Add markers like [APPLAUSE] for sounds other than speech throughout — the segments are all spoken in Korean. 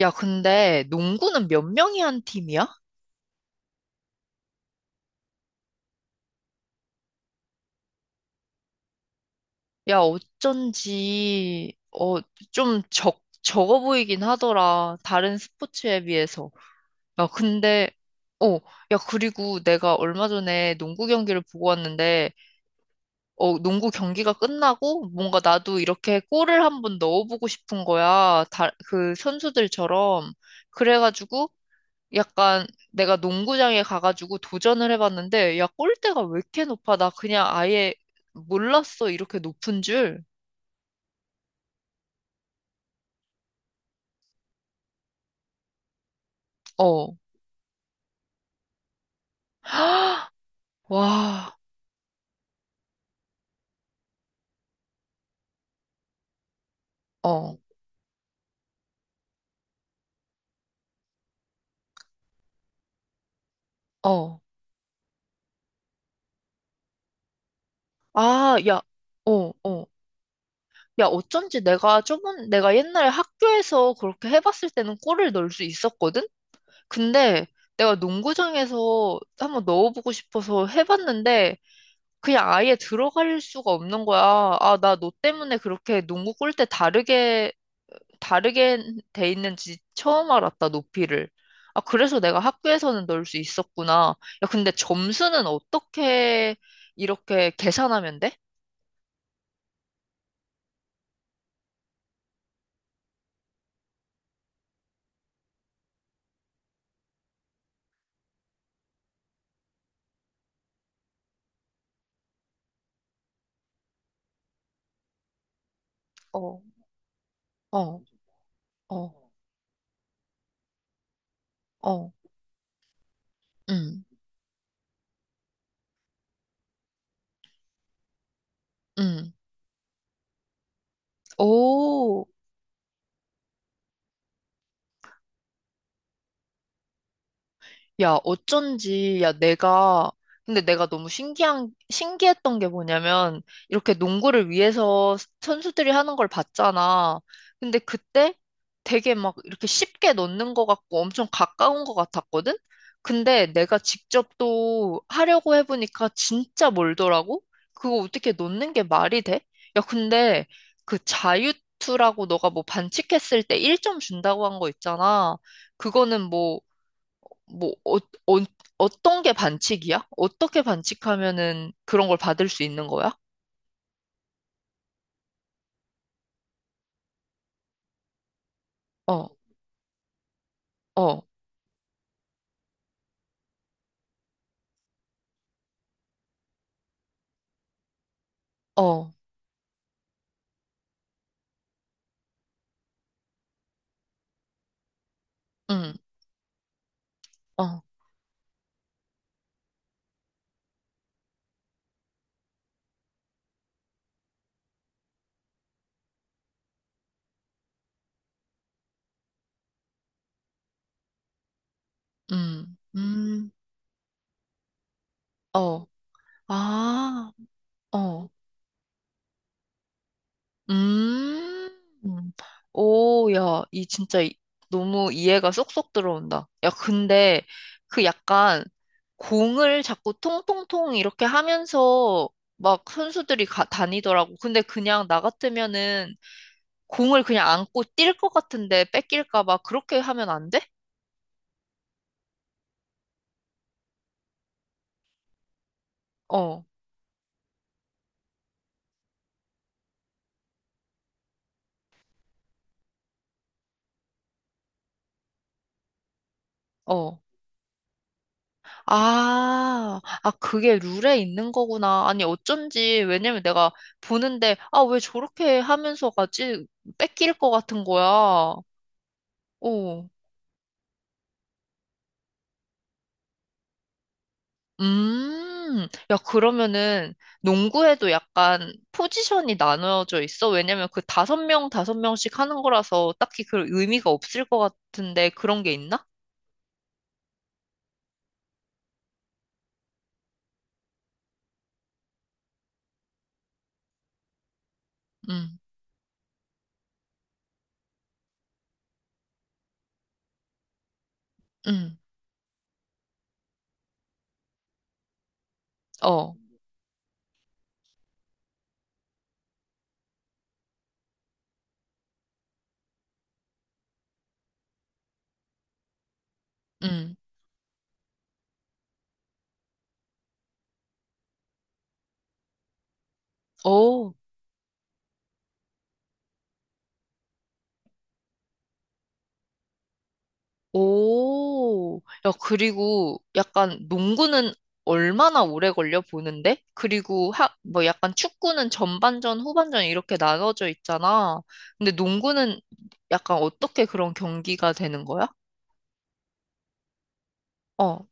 야, 근데 농구는 몇 명이 한 팀이야? 야, 어쩐지, 좀 적어 보이긴 하더라. 다른 스포츠에 비해서. 야, 근데, 어, 야, 그리고 내가 얼마 전에 농구 경기를 보고 왔는데, 농구 경기가 끝나고 뭔가 나도 이렇게 골을 한번 넣어보고 싶은 거야. 다, 그 선수들처럼. 그래가지고, 약간 내가 농구장에 가가지고 도전을 해봤는데, 야, 골대가 왜 이렇게 높아? 나 그냥 아예 몰랐어. 이렇게 높은 줄. 어. [GASPS] 와, 어, 어. 아, 야, 어, 어. 야, 어쩐지 내가 저번, 내가 옛날에 학교에서 그렇게 해봤을 때는 골을 넣을 수 있었거든? 근데 내가 농구장에서 한번 넣어보고 싶어서 해봤는데 그냥 아예 들어갈 수가 없는 거야. 아, 나 너 때문에 그렇게 농구 골대 다르게 돼 있는지 처음 알았다, 높이를. 아, 그래서 내가 학교에서는 넣을 수 있었구나. 야, 근데 점수는 어떻게 이렇게 계산하면 돼? 어, 어, 어, 어, 음, 음. 오. 야, 어쩐지, 야, 내가, 근데 내가 너무 신기했던 게 뭐냐면, 이렇게 농구를 위해서 선수들이 하는 걸 봤잖아. 근데 그때 되게 막 이렇게 쉽게 넣는 것 같고 엄청 가까운 것 같았거든? 근데 내가 직접 또 하려고 해보니까 진짜 멀더라고? 그거 어떻게 넣는 게 말이 돼? 야, 근데 그 자유투라고 너가 뭐 반칙했을 때 1점 준다고 한 거 있잖아. 그거는 뭐, 어, 어, 어떤 게 반칙이야? 어떻게 반칙하면은 그런 걸 받을 수 있는 거야? 어, 어, 어, 음, 어, 음, 음, 어, 아, 어, 음, 음. 오, 야, 너무 이해가 쏙쏙 들어온다. 야, 근데 그 약간 공을 자꾸 통통통 이렇게 하면서 막 선수들이 다니더라고. 근데 그냥 나 같으면은 공을 그냥 안고 뛸 것 같은데 뺏길까 봐 그렇게 하면 안 돼? 어, 어. 아, 그게 룰에 있는 거구나. 아니, 어쩐지. 왜냐면 내가 보는데, 아, 왜 저렇게 하면서 가지? 뺏길 것 같은 거야. 오, 야, 그러면은 농구에도 약간 포지션이 나눠져 있어? 왜냐면 그 다섯 명씩 하는 거라서 딱히 그 의미가 없을 것 같은데 그런 게 있나? 음, 음, 어, 음. 오, 오. 야, 그리고 약간 농구는 얼마나 오래 걸려 보는데? 그리고 하, 뭐 약간 축구는 전반전, 후반전 이렇게 나눠져 있잖아. 근데 농구는 약간 어떻게 그런 경기가 되는 거야? 어,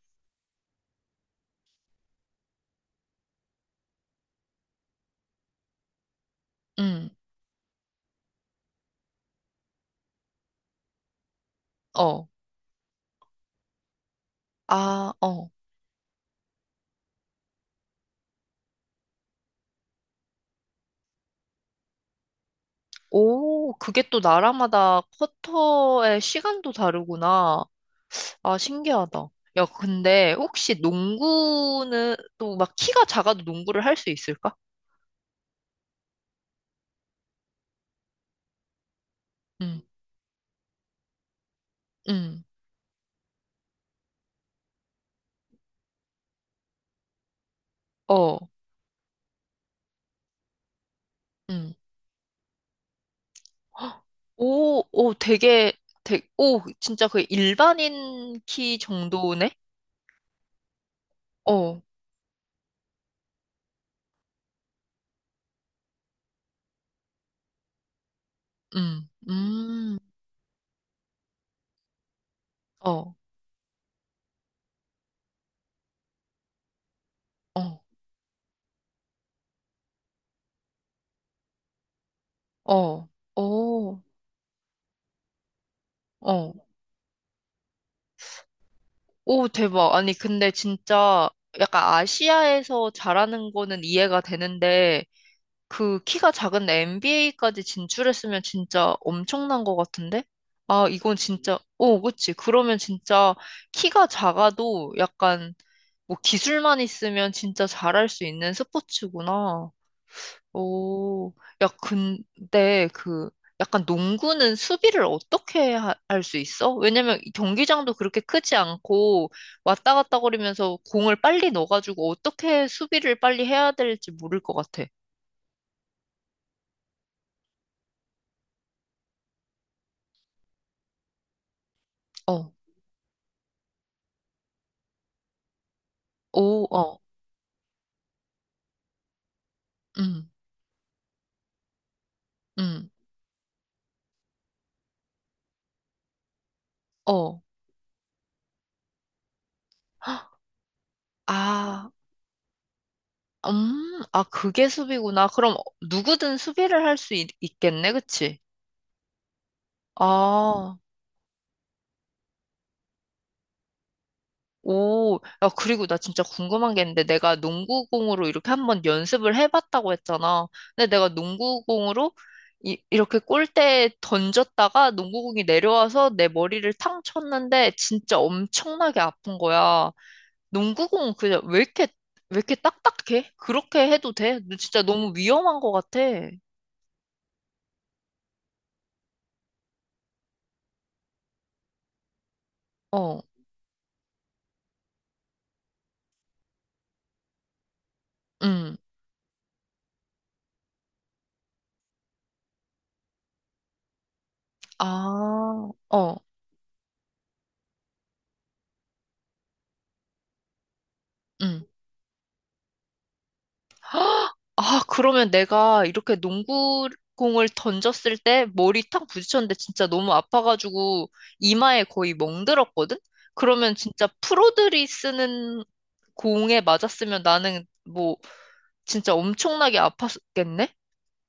음, 어, 아, 어. 오, 그게 또 나라마다 쿼터의 시간도 다르구나. 아, 신기하다. 야, 근데 혹시 농구는 또 막 키가 작아도 농구를 할 수 있을까? 응. 응, 어, 응. 헉, 오, 오, 되게, 되게, 오, 진짜 그 일반인 키 정도네? 어, 음, 음, 어, 어, 어, 오, 어, 오, 대박. 아니, 근데 진짜 약간 아시아에서 잘하는 거는 이해가 되는데, 그 키가 작은 NBA까지 진출했으면 진짜 엄청난 것 같은데? 아, 이건 진짜, 오, 그치. 그러면 진짜 키가 작아도 약간 뭐 기술만 있으면 진짜 잘할 수 있는 스포츠구나. 오, 야, 근데 그 약간 농구는 수비를 어떻게 할 수 있어? 왜냐면 이 경기장도 그렇게 크지 않고 왔다 갔다 거리면서 공을 빨리 넣어가지고 어떻게 수비를 빨리 해야 될지 모를 것 같아. 어, 오, 어, 음, 음, 어. 아, 아, 그게 수비구나. 그럼 누구든 수비를 할 수 있겠네, 그치? 아, 오, 야, 그리고 나 진짜 궁금한 게 있는데, 내가 농구공으로 이렇게 한번 연습을 해봤다고 했잖아. 근데 내가 농구공으로 이렇게 골대에 던졌다가 농구공이 내려와서 내 머리를 탕 쳤는데, 진짜 엄청나게 아픈 거야. 농구공은 그냥 왜 이렇게, 왜 이렇게 딱딱해? 그렇게 해도 돼? 너 진짜 너무 위험한 것 같아. 어, 응. 아, 어, 응. 아, 그러면 내가 이렇게 농구공을 던졌을 때 머리 탁 부딪혔는데 진짜 너무 아파가지고 이마에 거의 멍들었거든? 그러면 진짜 프로들이 쓰는 공에 맞았으면 나는 뭐 진짜 엄청나게 아팠겠네?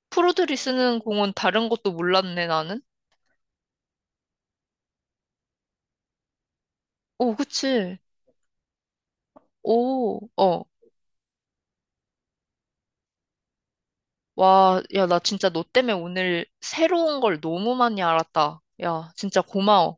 프로들이 쓰는 공은 다른 것도 몰랐네, 나는. 오, 그치. 오, 어. 와, 야, 나 진짜 너 때문에 오늘 새로운 걸 너무 많이 알았다. 야, 진짜 고마워.